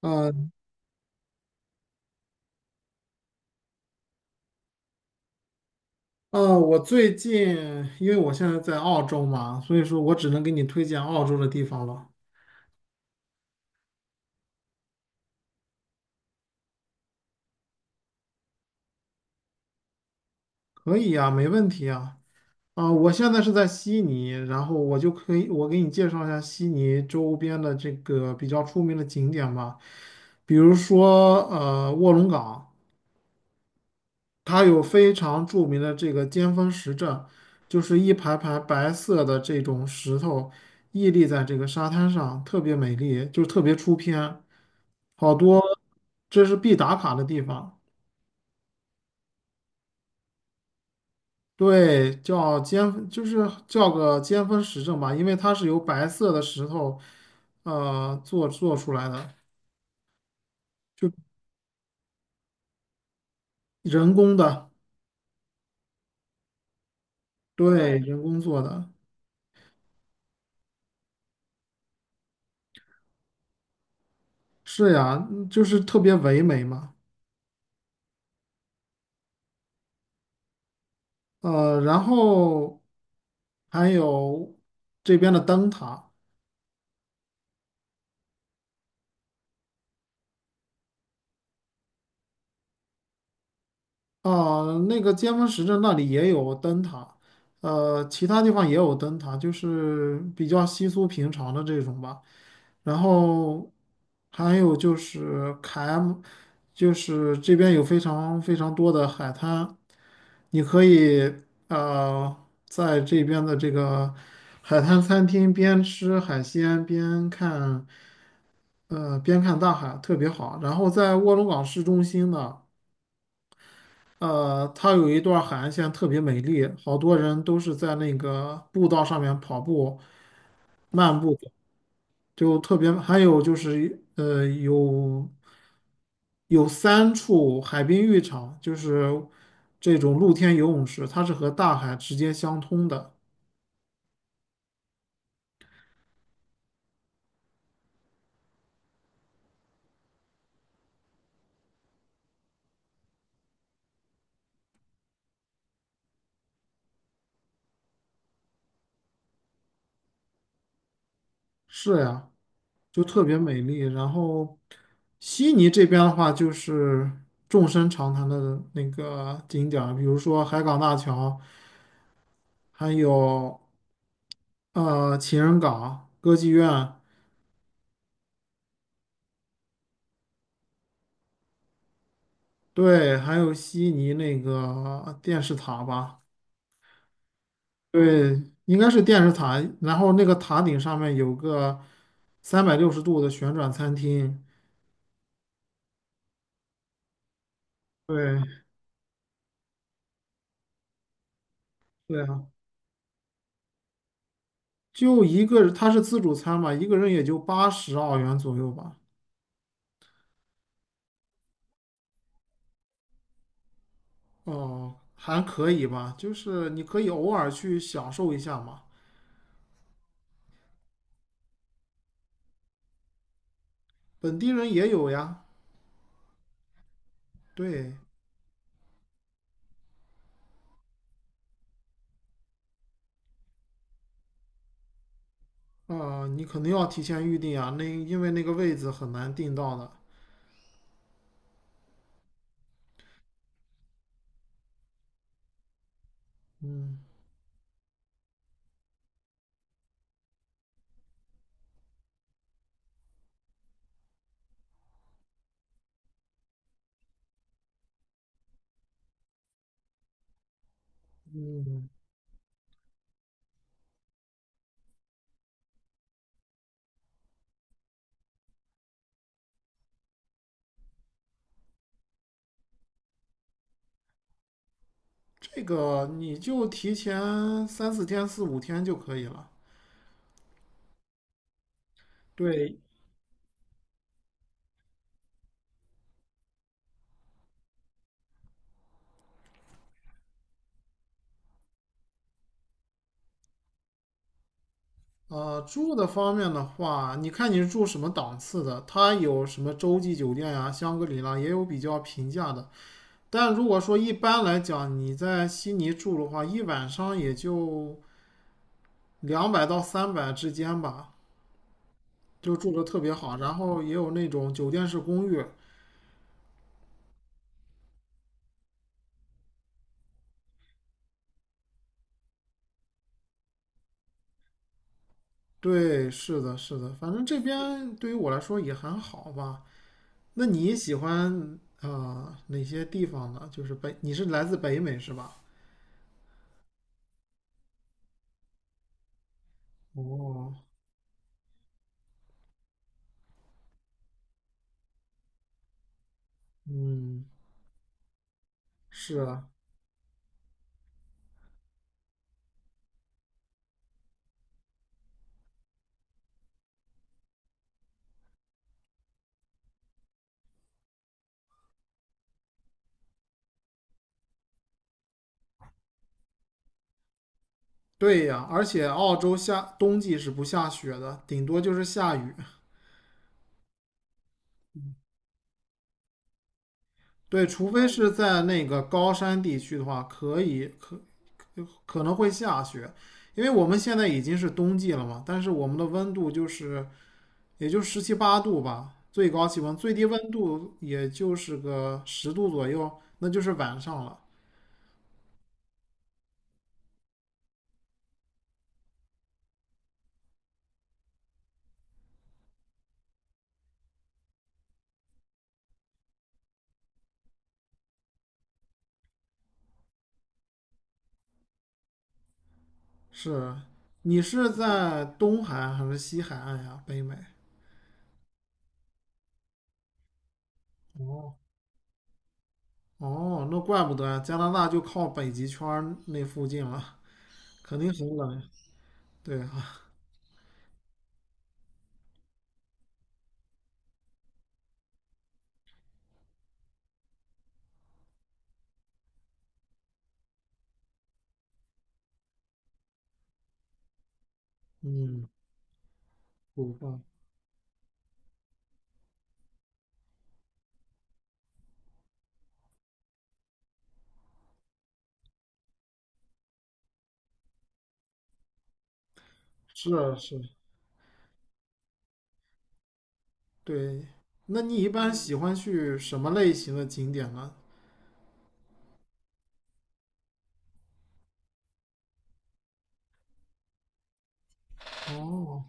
呃我最近因为我现在在澳洲嘛，所以说我只能给你推荐澳洲的地方了。可以呀，没问题呀。啊，我现在是在悉尼，然后我就可以，我给你介绍一下悉尼周边的这个比较出名的景点吧，比如说卧龙岗，它有非常著名的这个尖峰石阵，就是一排排白色的这种石头屹立在这个沙滩上，特别美丽，就是特别出片。好多这是必打卡的地方。对，叫尖，就是叫个尖峰石阵吧，因为它是由白色的石头，做出来的，人工的，对，人工做的，是呀，嗯就是特别唯美嘛。然后还有这边的灯塔。啊，那个尖峰石镇那里也有灯塔，其他地方也有灯塔，就是比较稀疏平常的这种吧。然后还有就是凯 M，就是这边有非常非常多的海滩，你可以呃在这边的这个海滩餐厅边吃海鲜边看，边看大海，特别好。然后在卧龙岗市中心呢。它有一段海岸线特别美丽，好多人都是在那个步道上面跑步、漫步的，就特别。还有就是，有三处海滨浴场，就是这种露天游泳池，它是和大海直接相通的。是呀，就特别美丽。然后，悉尼这边的话，就是众生长谈的那个景点儿比如说海港大桥，还有。情人港、歌剧院，对，还有悉尼那个电视塔吧，对，应该是电视塔。然后那个塔顶上面有个360度的旋转餐厅，对，对啊，就一个，它是自助餐嘛，一个人也就80澳元左右吧，哦，还可以吧，就是你可以偶尔去享受一下嘛，本地人也有呀，对，啊、你肯定要提前预定啊，那因为那个位子很难订到的。嗯，这个你就提前三四天、四五天就可以了。对，住的方面的话，你看你是住什么档次的，它有什么洲际酒店呀、香格里拉，也有比较平价的。但如果说一般来讲，你在悉尼住的话，一晚上也就200到300之间吧，就住的特别好。然后也有那种酒店式公寓，对，是的，是的，反正这边对于我来说也还好吧。那你喜欢啊、哪些地方呢？就是北，你是来自北美是吧？哦，嗯，是啊，对呀，而且澳洲夏冬季是不下雪的，顶多就是下雨。对，除非是在那个高山地区的话，可以可可能会下雪，因为我们现在已经是冬季了嘛，但是我们的温度就是也就十七八度吧，最高气温，最低温度也就是个十度左右，那就是晚上了。是啊，你是在东海岸还是西海岸呀？北美。哦，那怪不得呀，加拿大就靠北极圈儿那附近了，肯定很冷。对啊，嗯，不放。是啊是啊，对。那你一般喜欢去什么类型的景点呢？哦，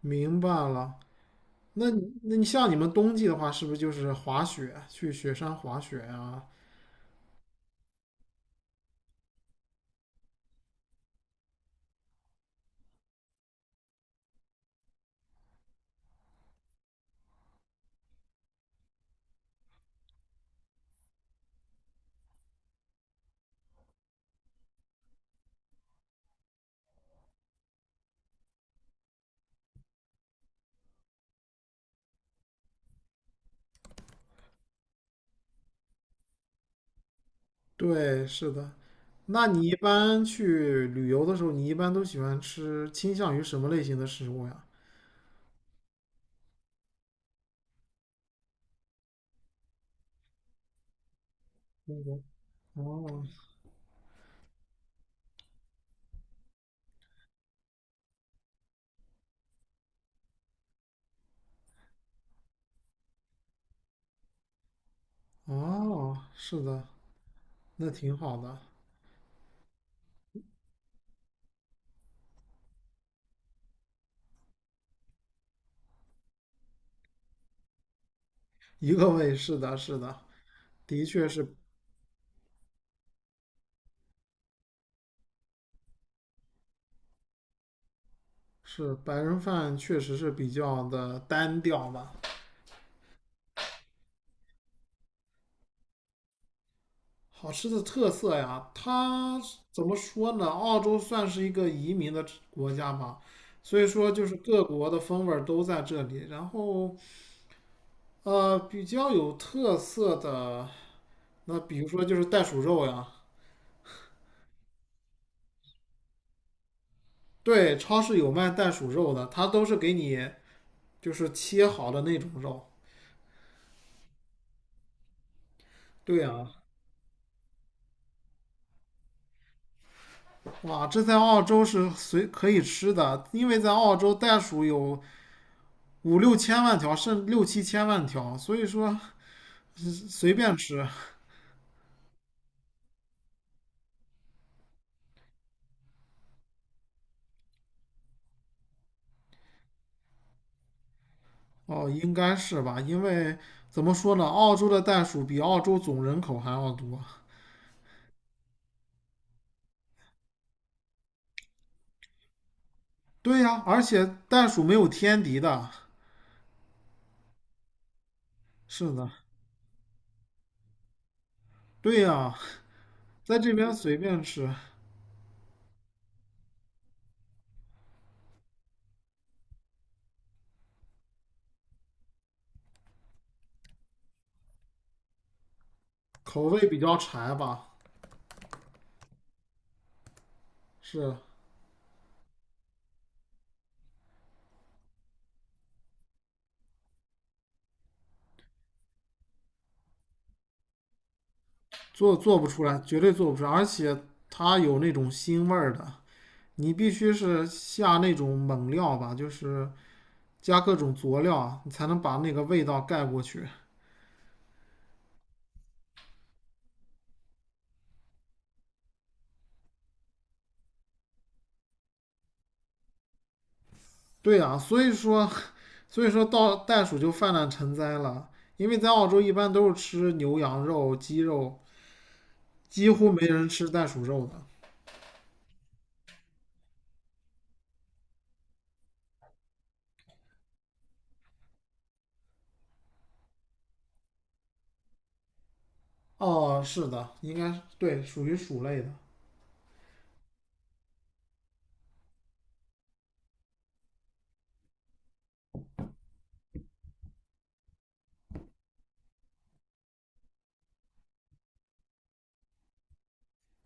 明白了。那你像你们冬季的话，是不是就是滑雪，去雪山滑雪啊？对，是的。那你一般去旅游的时候，你一般都喜欢吃倾向于什么类型的食物呀？哦哦，是的，那挺好的，一个味，是的，是的，的确是是白人饭确实是比较的单调吧。好吃的特色呀，它怎么说呢？澳洲算是一个移民的国家吧，所以说就是各国的风味儿都在这里，然后比较有特色的。那比如说就是袋鼠肉呀，对，超市有卖袋鼠肉的，它都是给你就是切好的那种肉。对呀，哇，这在澳洲是随可以吃的，因为在澳洲袋鼠有五六千万条，甚至六七千万条，所以说随便吃。哦，应该是吧？因为怎么说呢，澳洲的袋鼠比澳洲总人口还要多。对呀，而且袋鼠没有天敌的。是的，对呀，在这边随便吃。口味比较柴吧，是做不出来，绝对做不出来，而且它有那种腥味儿的，你必须是下那种猛料吧，就是加各种佐料啊你才能把那个味道盖过去。对啊，所以说，所以说到袋鼠就泛滥成灾了，因为在澳洲一般都是吃牛羊肉、鸡肉，几乎没人吃袋鼠肉的。哦，是的，应该是对，属于鼠类的。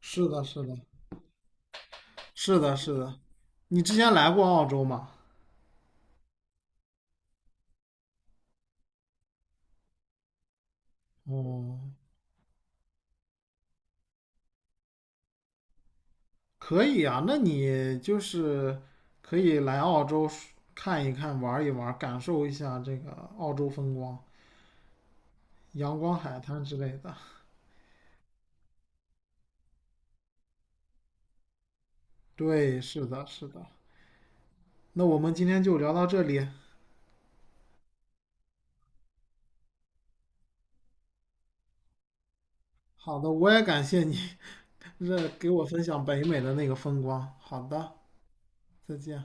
是的，是的，是的，是的。你之前来过澳洲吗？哦，可以啊，那你就是可以来澳洲看一看、玩一玩，感受一下这个澳洲风光、阳光海滩之类的。对，是的，是的。那我们今天就聊到这里。好的，我也感谢你 这给我分享北美的那个风光。好的，再见。